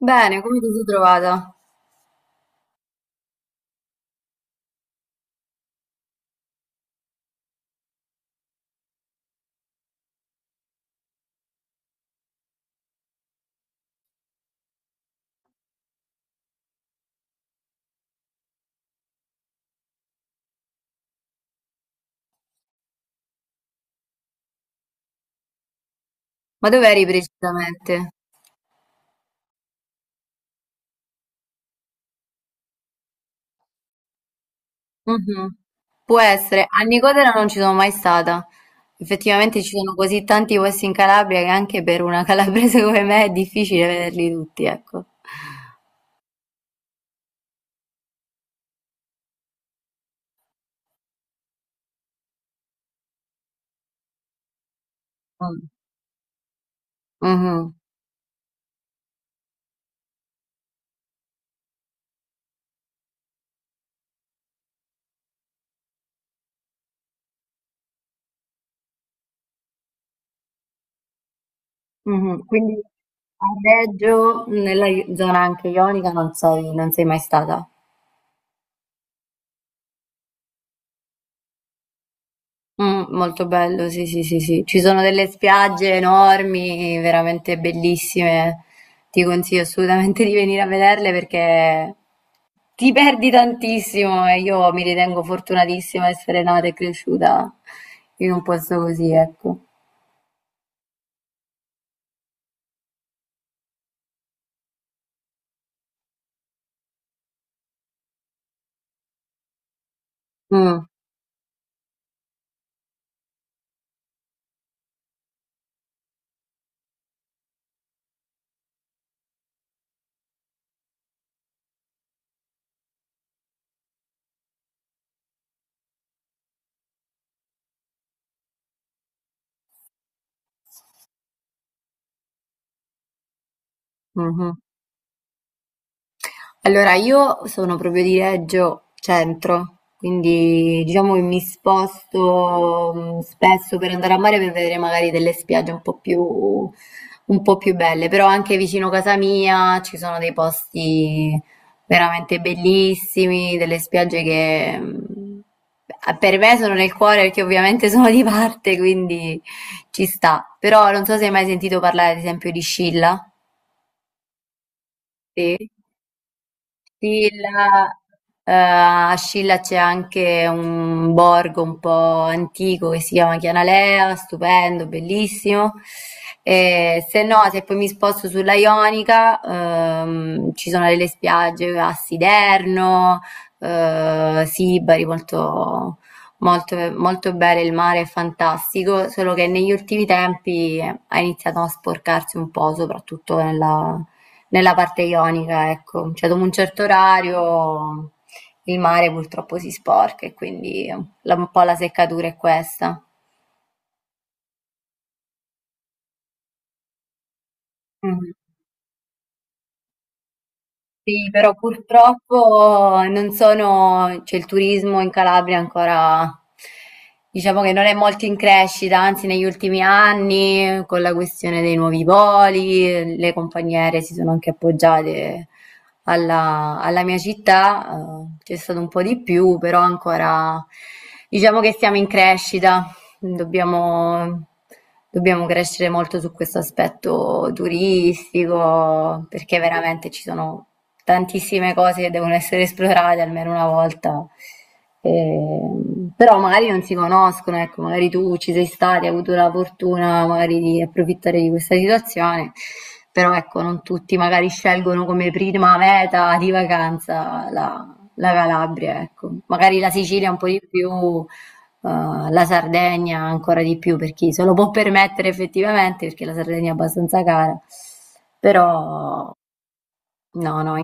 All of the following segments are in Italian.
Bene, come ti sei trovata? Ma dove eri precisamente? Mhm. Può essere, a Nicotera non ci sono mai stata. Effettivamente ci sono così tanti posti in Calabria che anche per una calabrese come me è difficile vederli tutti, ecco. Mm. Mhm. Mhm. Quindi a Reggio, nella zona anche ionica, non sei mai stata. Molto bello, sì, sì, sì, sì. Ci sono delle spiagge enormi, veramente bellissime. Ti consiglio assolutamente di venire a vederle perché ti perdi tantissimo e io mi ritengo fortunatissima di essere nata e cresciuta in un posto così, ecco. Mh, mh-mh. Allora io sono proprio di Reggio Centro, quindi diciamo che mi sposto spesso per andare a mare per vedere magari delle spiagge un po' più belle, però anche vicino casa mia ci sono dei posti veramente bellissimi, delle spiagge che per me sono nel cuore perché ovviamente sono di parte, quindi ci sta. Però non so se hai mai sentito parlare ad esempio di Scilla. Sì. Sì, là, a Scilla c'è anche un borgo un po' antico che si chiama Chianalea, stupendo, bellissimo. E se no, se poi mi sposto sulla Ionica, ci sono delle spiagge a Siderno, Sibari, molto, molto, molto belle, il mare è fantastico, solo che negli ultimi tempi ha iniziato a sporcarsi un po', soprattutto nella parte ionica, ecco. Cioè dopo un certo orario il mare purtroppo si sporca e quindi la un po' la seccatura è questa. Mh-mh. Sì, però purtroppo non sono, cioè il turismo in Calabria è ancora, diciamo che non è molto in crescita, anzi negli ultimi anni con la questione dei nuovi voli, le compagnie aeree si sono anche appoggiate alla mia città, c'è stato un po' di più, però ancora diciamo che siamo in crescita. Dobbiamo, dobbiamo crescere molto su questo aspetto turistico, perché veramente ci sono tantissime cose che devono essere esplorate almeno una volta. Però magari non si conoscono, ecco, magari tu ci sei stata, hai avuto la fortuna magari di approfittare di questa situazione, però ecco, non tutti magari scelgono come prima meta di vacanza la Calabria, ecco. Magari la Sicilia un po' di più, la Sardegna ancora di più per chi se lo può permettere effettivamente, perché la Sardegna è abbastanza cara. Però no, no,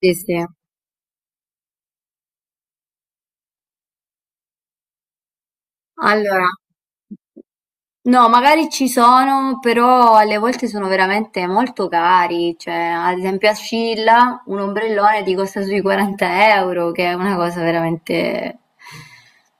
sì, sì. Allora, no, magari ci sono, però alle volte sono veramente molto cari. Cioè, ad esempio a Scilla un ombrellone ti costa sui 40 euro, che è una cosa veramente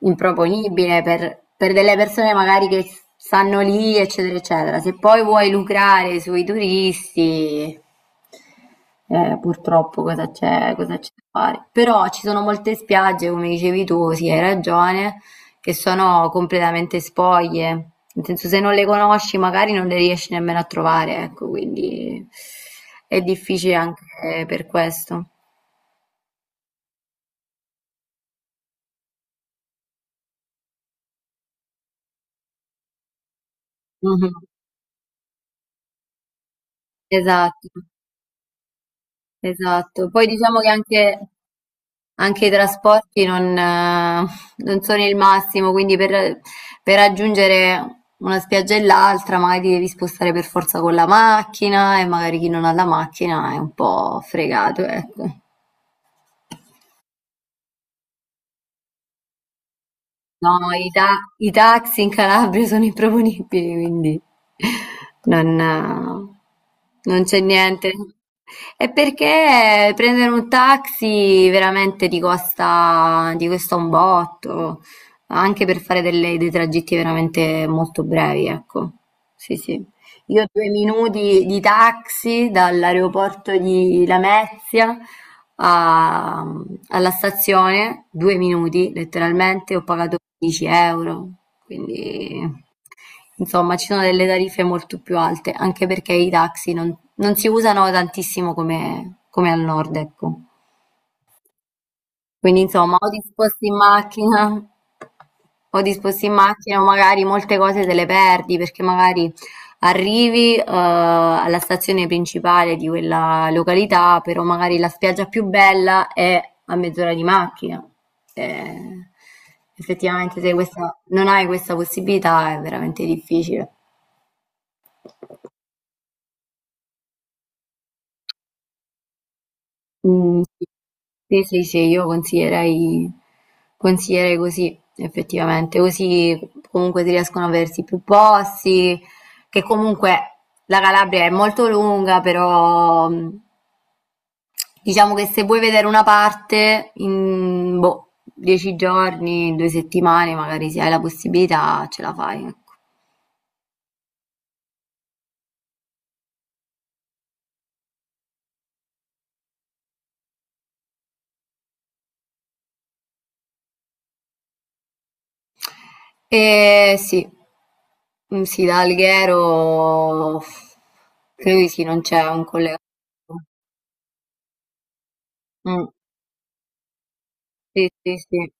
improponibile per delle persone magari che stanno lì, eccetera, eccetera. Se poi vuoi lucrare sui turisti, purtroppo cosa c'è da fare? Però ci sono molte spiagge, come dicevi tu, sì, hai ragione che sono completamente spoglie. Nel senso, se non le conosci, magari non le riesci nemmeno a trovare, ecco, quindi è difficile anche per questo. Mhm. Esatto, esatto. Poi diciamo che anche i trasporti non sono il massimo, quindi per raggiungere una spiaggia e l'altra magari ti devi spostare per forza con la macchina e magari chi non ha la macchina è un po' fregato, ecco. No, i taxi in Calabria sono improponibili, quindi non, non c'è niente. È perché prendere un taxi veramente ti costa un botto, anche per fare dei tragitti veramente molto brevi, ecco. Sì, sì. Io due minuti di taxi dall'aeroporto di Lamezia a- alla stazione, 2 minuti letteralmente, ho pagato 10 euro, quindi insomma ci sono delle tariffe molto più alte, anche perché i taxi non si usano tantissimo come, come al nord, ecco. Quindi insomma o disposti in macchina o magari molte cose te le perdi perché magari arrivi, alla stazione principale di quella località, però magari la spiaggia più bella è a mezz'ora di macchina. Eh, effettivamente se non hai questa possibilità è veramente difficile. Mhmm, sì. Sì, sì, sì, io consiglierei così, effettivamente. Così comunque si riescono ad aversi più posti, che comunque la Calabria è molto lunga, però, diciamo che se vuoi vedere una parte in, boh, 10 giorni, 2 settimane, magari se hai la possibilità ce la fai, ecco. Sì. Mhmm, sì, da Alghero credo di sì, non c'è un collegamento. Mh, sì, sì, sì.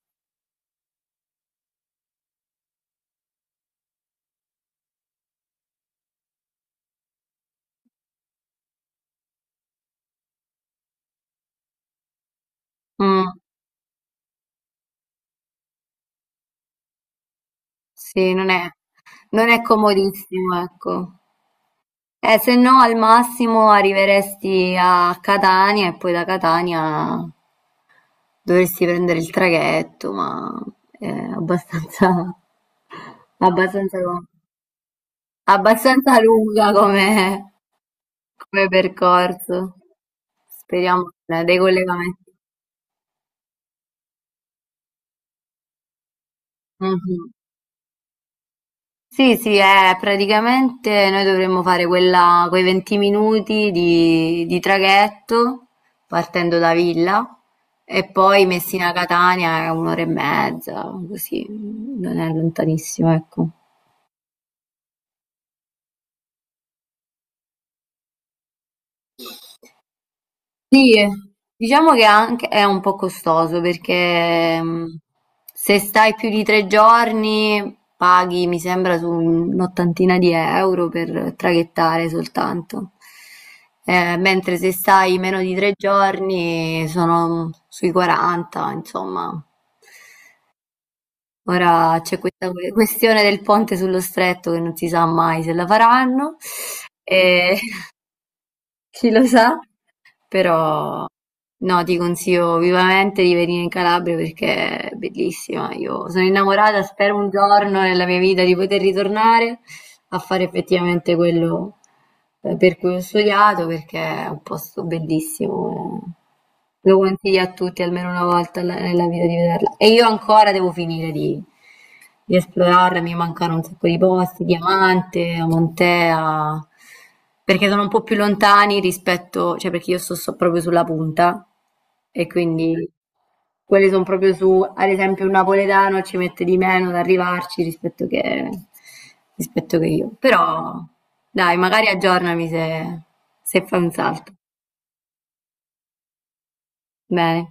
Mh, sì, non è comodissimo, ecco. Se no al massimo arriveresti a Catania e poi da Catania dovresti prendere il traghetto, ma è abbastanza abbastanza co abbastanza lunga come percorso. Speriamo dei collegamenti. Mh-mh. Sì, sì, praticamente noi dovremmo fare quei 20 minuti di traghetto partendo da Villa e poi Messina-Catania è un'ora e mezza, così non è lontanissimo, ecco. Sì, diciamo che anche è un po' costoso perché se stai più di 3 giorni paghi, mi sembra, su un'ottantina di euro per traghettare soltanto. Mentre se stai meno di 3 giorni sono sui 40, insomma. Ora c'è questa questione del ponte sullo stretto che non si sa mai se la faranno, e chi lo sa. Però no, ti consiglio vivamente di venire in Calabria perché è bellissima. Io sono innamorata, spero un giorno nella mia vita di poter ritornare a fare effettivamente quello per cui ho studiato perché è un posto bellissimo. Lo consiglio a tutti almeno una volta nella vita di vederla. E io ancora devo finire di esplorarla, mi mancano un sacco di posti, Diamante, Montea. Perché sono un po' più lontani rispetto cioè perché io sto proprio sulla punta e quindi quelli sono proprio su, ad esempio un napoletano ci mette di meno ad arrivarci rispetto che io. Però dai, magari aggiornami se fai un salto. Bene.